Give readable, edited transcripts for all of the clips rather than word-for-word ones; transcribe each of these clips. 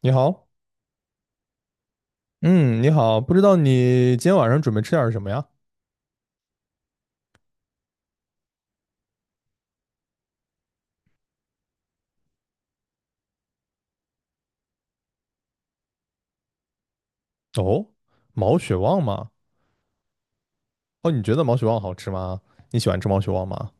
你好，嗯，你好，不知道你今天晚上准备吃点儿什么呀？哦，毛血旺吗？哦，你觉得毛血旺好吃吗？你喜欢吃毛血旺吗？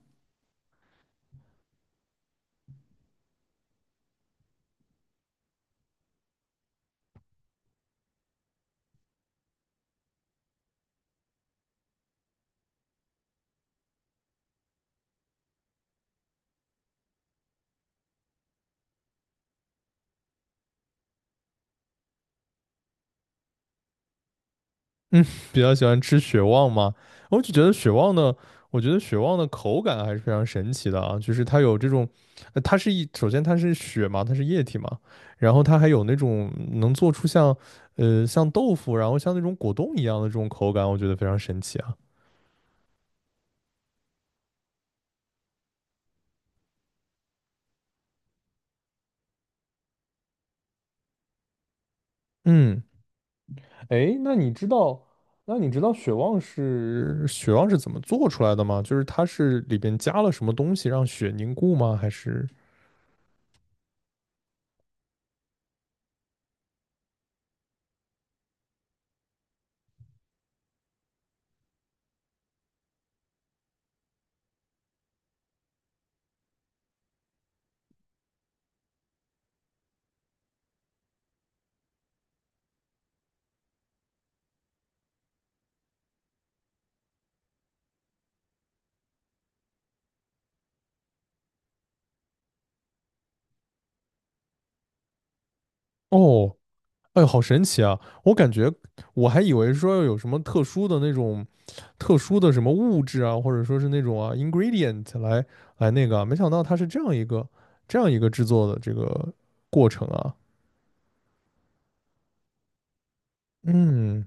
比较喜欢吃血旺吗？我就觉得血旺的，我觉得血旺的口感还是非常神奇的啊，就是它有这种，它是一，首先它是血嘛，它是液体嘛，然后它还有那种能做出像，像豆腐，然后像那种果冻一样的这种口感，我觉得非常神奇啊。嗯。哎，那你知道雪旺是怎么做出来的吗？就是它是里边加了什么东西让雪凝固吗？还是？哦，哎呦，好神奇啊！我感觉我还以为说要有什么特殊的那种特殊的什么物质啊，或者说是那种啊 ingredient 来那个啊没想到它是这样一个制作的这个过程啊。嗯，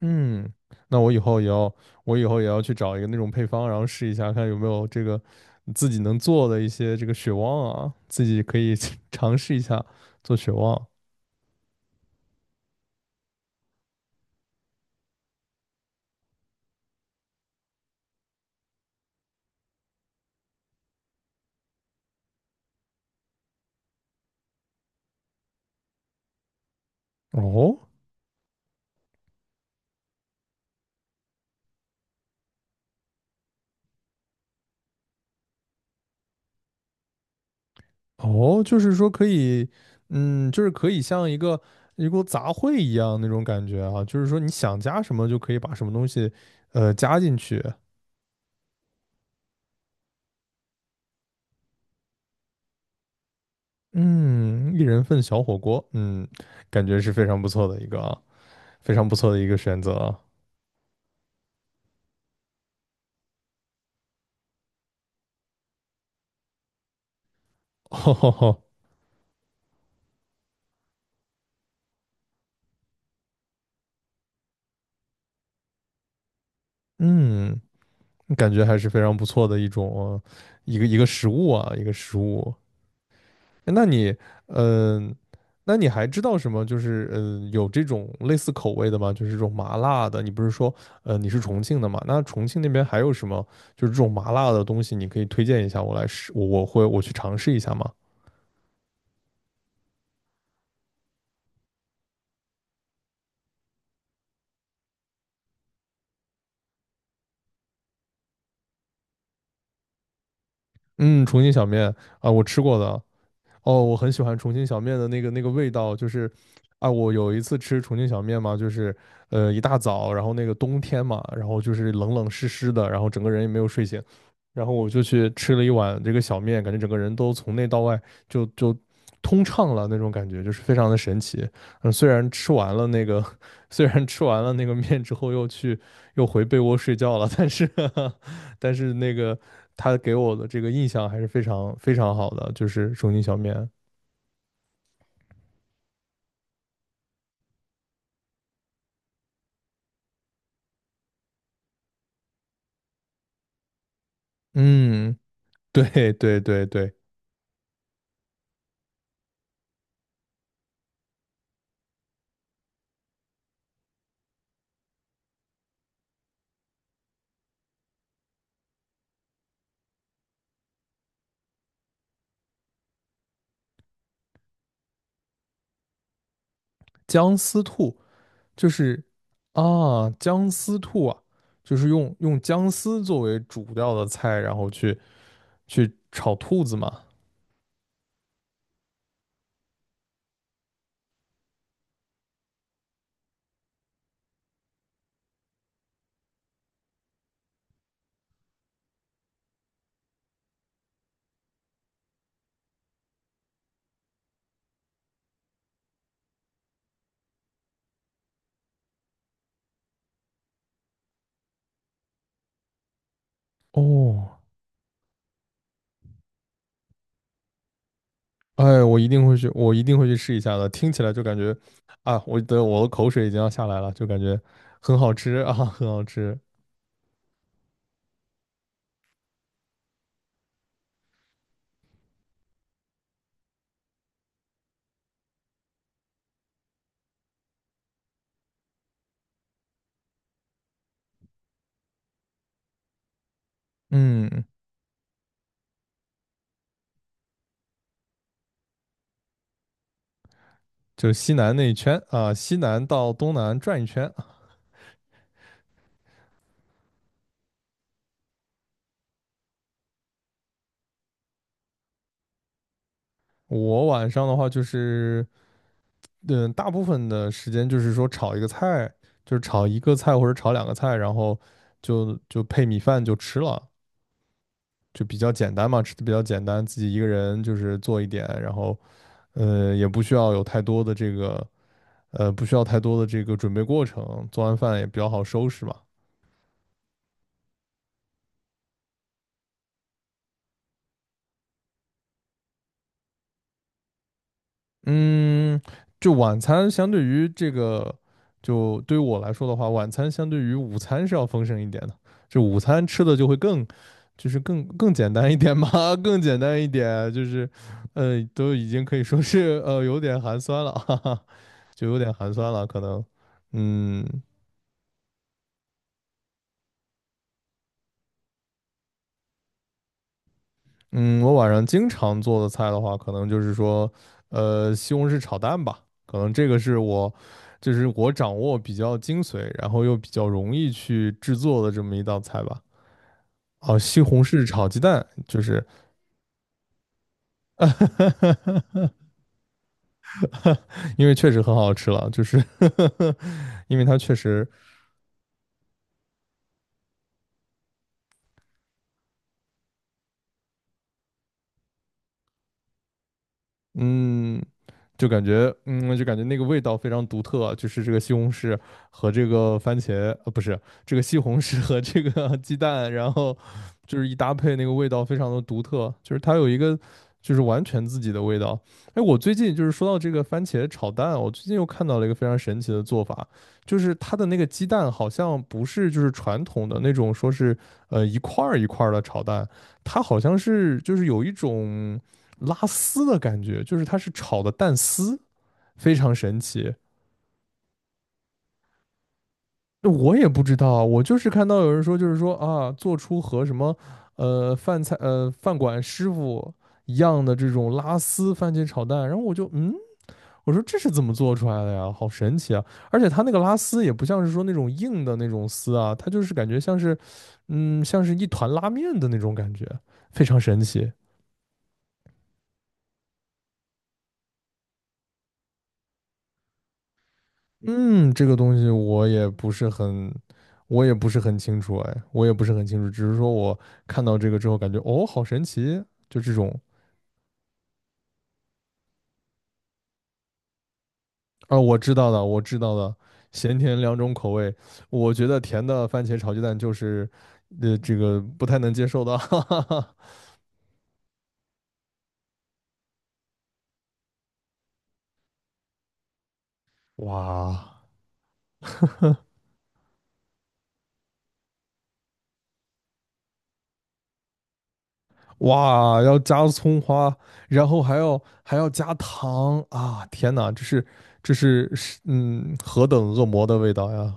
嗯，那我以后也要，我以后也要去找一个那种配方，然后试一下，看有没有这个自己能做的一些这个血旺啊，自己可以 尝试一下做血旺。哦哦，就是说可以，嗯，就是可以像一个一锅杂烩一样那种感觉啊，就是说你想加什么就可以把什么东西，加进去。嗯，一人份小火锅，嗯，感觉是非常不错的一个啊，非常不错的一个选择啊。吼吼吼，嗯。感觉还是非常不错的一种一个食物啊，一个食物。那你，嗯、那你还知道什么？就是有这种类似口味的吗？就是这种麻辣的。你不是说，你是重庆的嘛？那重庆那边还有什么？就是这种麻辣的东西，你可以推荐一下我来试，我去尝试一下吗？嗯，重庆小面啊，我吃过的，哦，我很喜欢重庆小面的那个味道，就是啊，我有一次吃重庆小面嘛，就是一大早，然后那个冬天嘛，然后就是冷冷湿湿的，然后整个人也没有睡醒，然后我就去吃了一碗这个小面，感觉整个人都从内到外就通畅了那种感觉，就是非常的神奇。嗯，虽然吃完了那个，虽然吃完了那个面之后又回被窝睡觉了，但是 但是那个他给我的这个印象还是非常非常好的，就是重庆小面。嗯，对对对对，姜丝兔就是啊，姜丝兔啊，就是用姜丝作为主料的菜，然后去炒兔子嘛。哦，哎，我一定会去，我一定会去试一下的。听起来就感觉啊，我的口水已经要下来了，就感觉很好吃啊，很好吃。嗯，就西南那一圈啊，西南到东南转一圈。啊我晚上的话就是。嗯，大部分的时间就是说炒一个菜，就是炒一个菜或者炒两个菜，然后就配米饭就吃了，就比较简单嘛，吃的比较简单，自己一个人就是做一点，然后也不需要有太多的这个不需要太多的这个准备过程，做完饭也比较好收拾嘛。嗯，就晚餐相对于对于我来说的话，晚餐相对于午餐是要丰盛一点的。就午餐吃的就会更，就是更更简单一点嘛，更简单一点，都已经可以说是有点寒酸了，哈哈，就有点寒酸了，可能，嗯，嗯，我晚上经常做的菜的话，可能就是说，西红柿炒蛋吧，可能这个是我，就是我掌握比较精髓，然后又比较容易去制作的这么一道菜吧。哦，西红柿炒鸡蛋，就是 因为确实很好吃了，就是 因为它确实嗯，就感觉那个味道非常独特啊，就是这个西红柿和这个番茄，呃，不是，这个西红柿和这个 鸡蛋，然后就是一搭配，那个味道非常的独特，就是它有一个就是完全自己的味道。哎，我最近就是说到这个番茄炒蛋，我最近又看到了一个非常神奇的做法，就是它的那个鸡蛋好像不是就是传统的那种说是一块儿一块儿的炒蛋，它好像是就是有一种拉丝的感觉，就是它是炒的蛋丝，非常神奇。我也不知道，我就是看到有人说，就是说啊，做出和什么饭馆师傅一样的这种拉丝番茄炒蛋，然后我就我说这是怎么做出来的呀？好神奇啊！而且它那个拉丝也不像是说那种硬的那种丝啊，它就是感觉像是像是一团拉面的那种感觉，非常神奇。嗯，这个东西我也不是很，我也不是很清楚，哎，我也不是很清楚，只是说我看到这个之后感觉，哦，好神奇，就这种，啊，我知道的，我知道的，咸甜两种口味，我觉得甜的番茄炒鸡蛋就是，这个不太能接受的，哈哈哈，哇哇，要加葱花，然后还要加糖啊，天哪，这是何等恶魔的味道呀！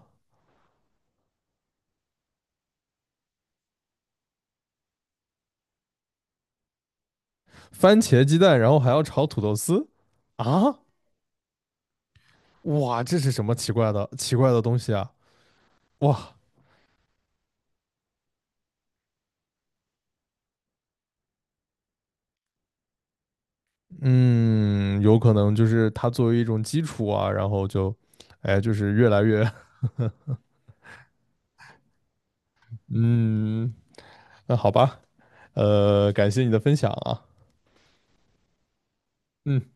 番茄鸡蛋，然后还要炒土豆丝啊！哇，这是什么奇怪的东西啊！哇，嗯，有可能就是它作为一种基础啊，然后就，哎，就是越来越，嗯，那好吧，感谢你的分享啊，嗯，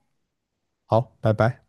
好，拜拜。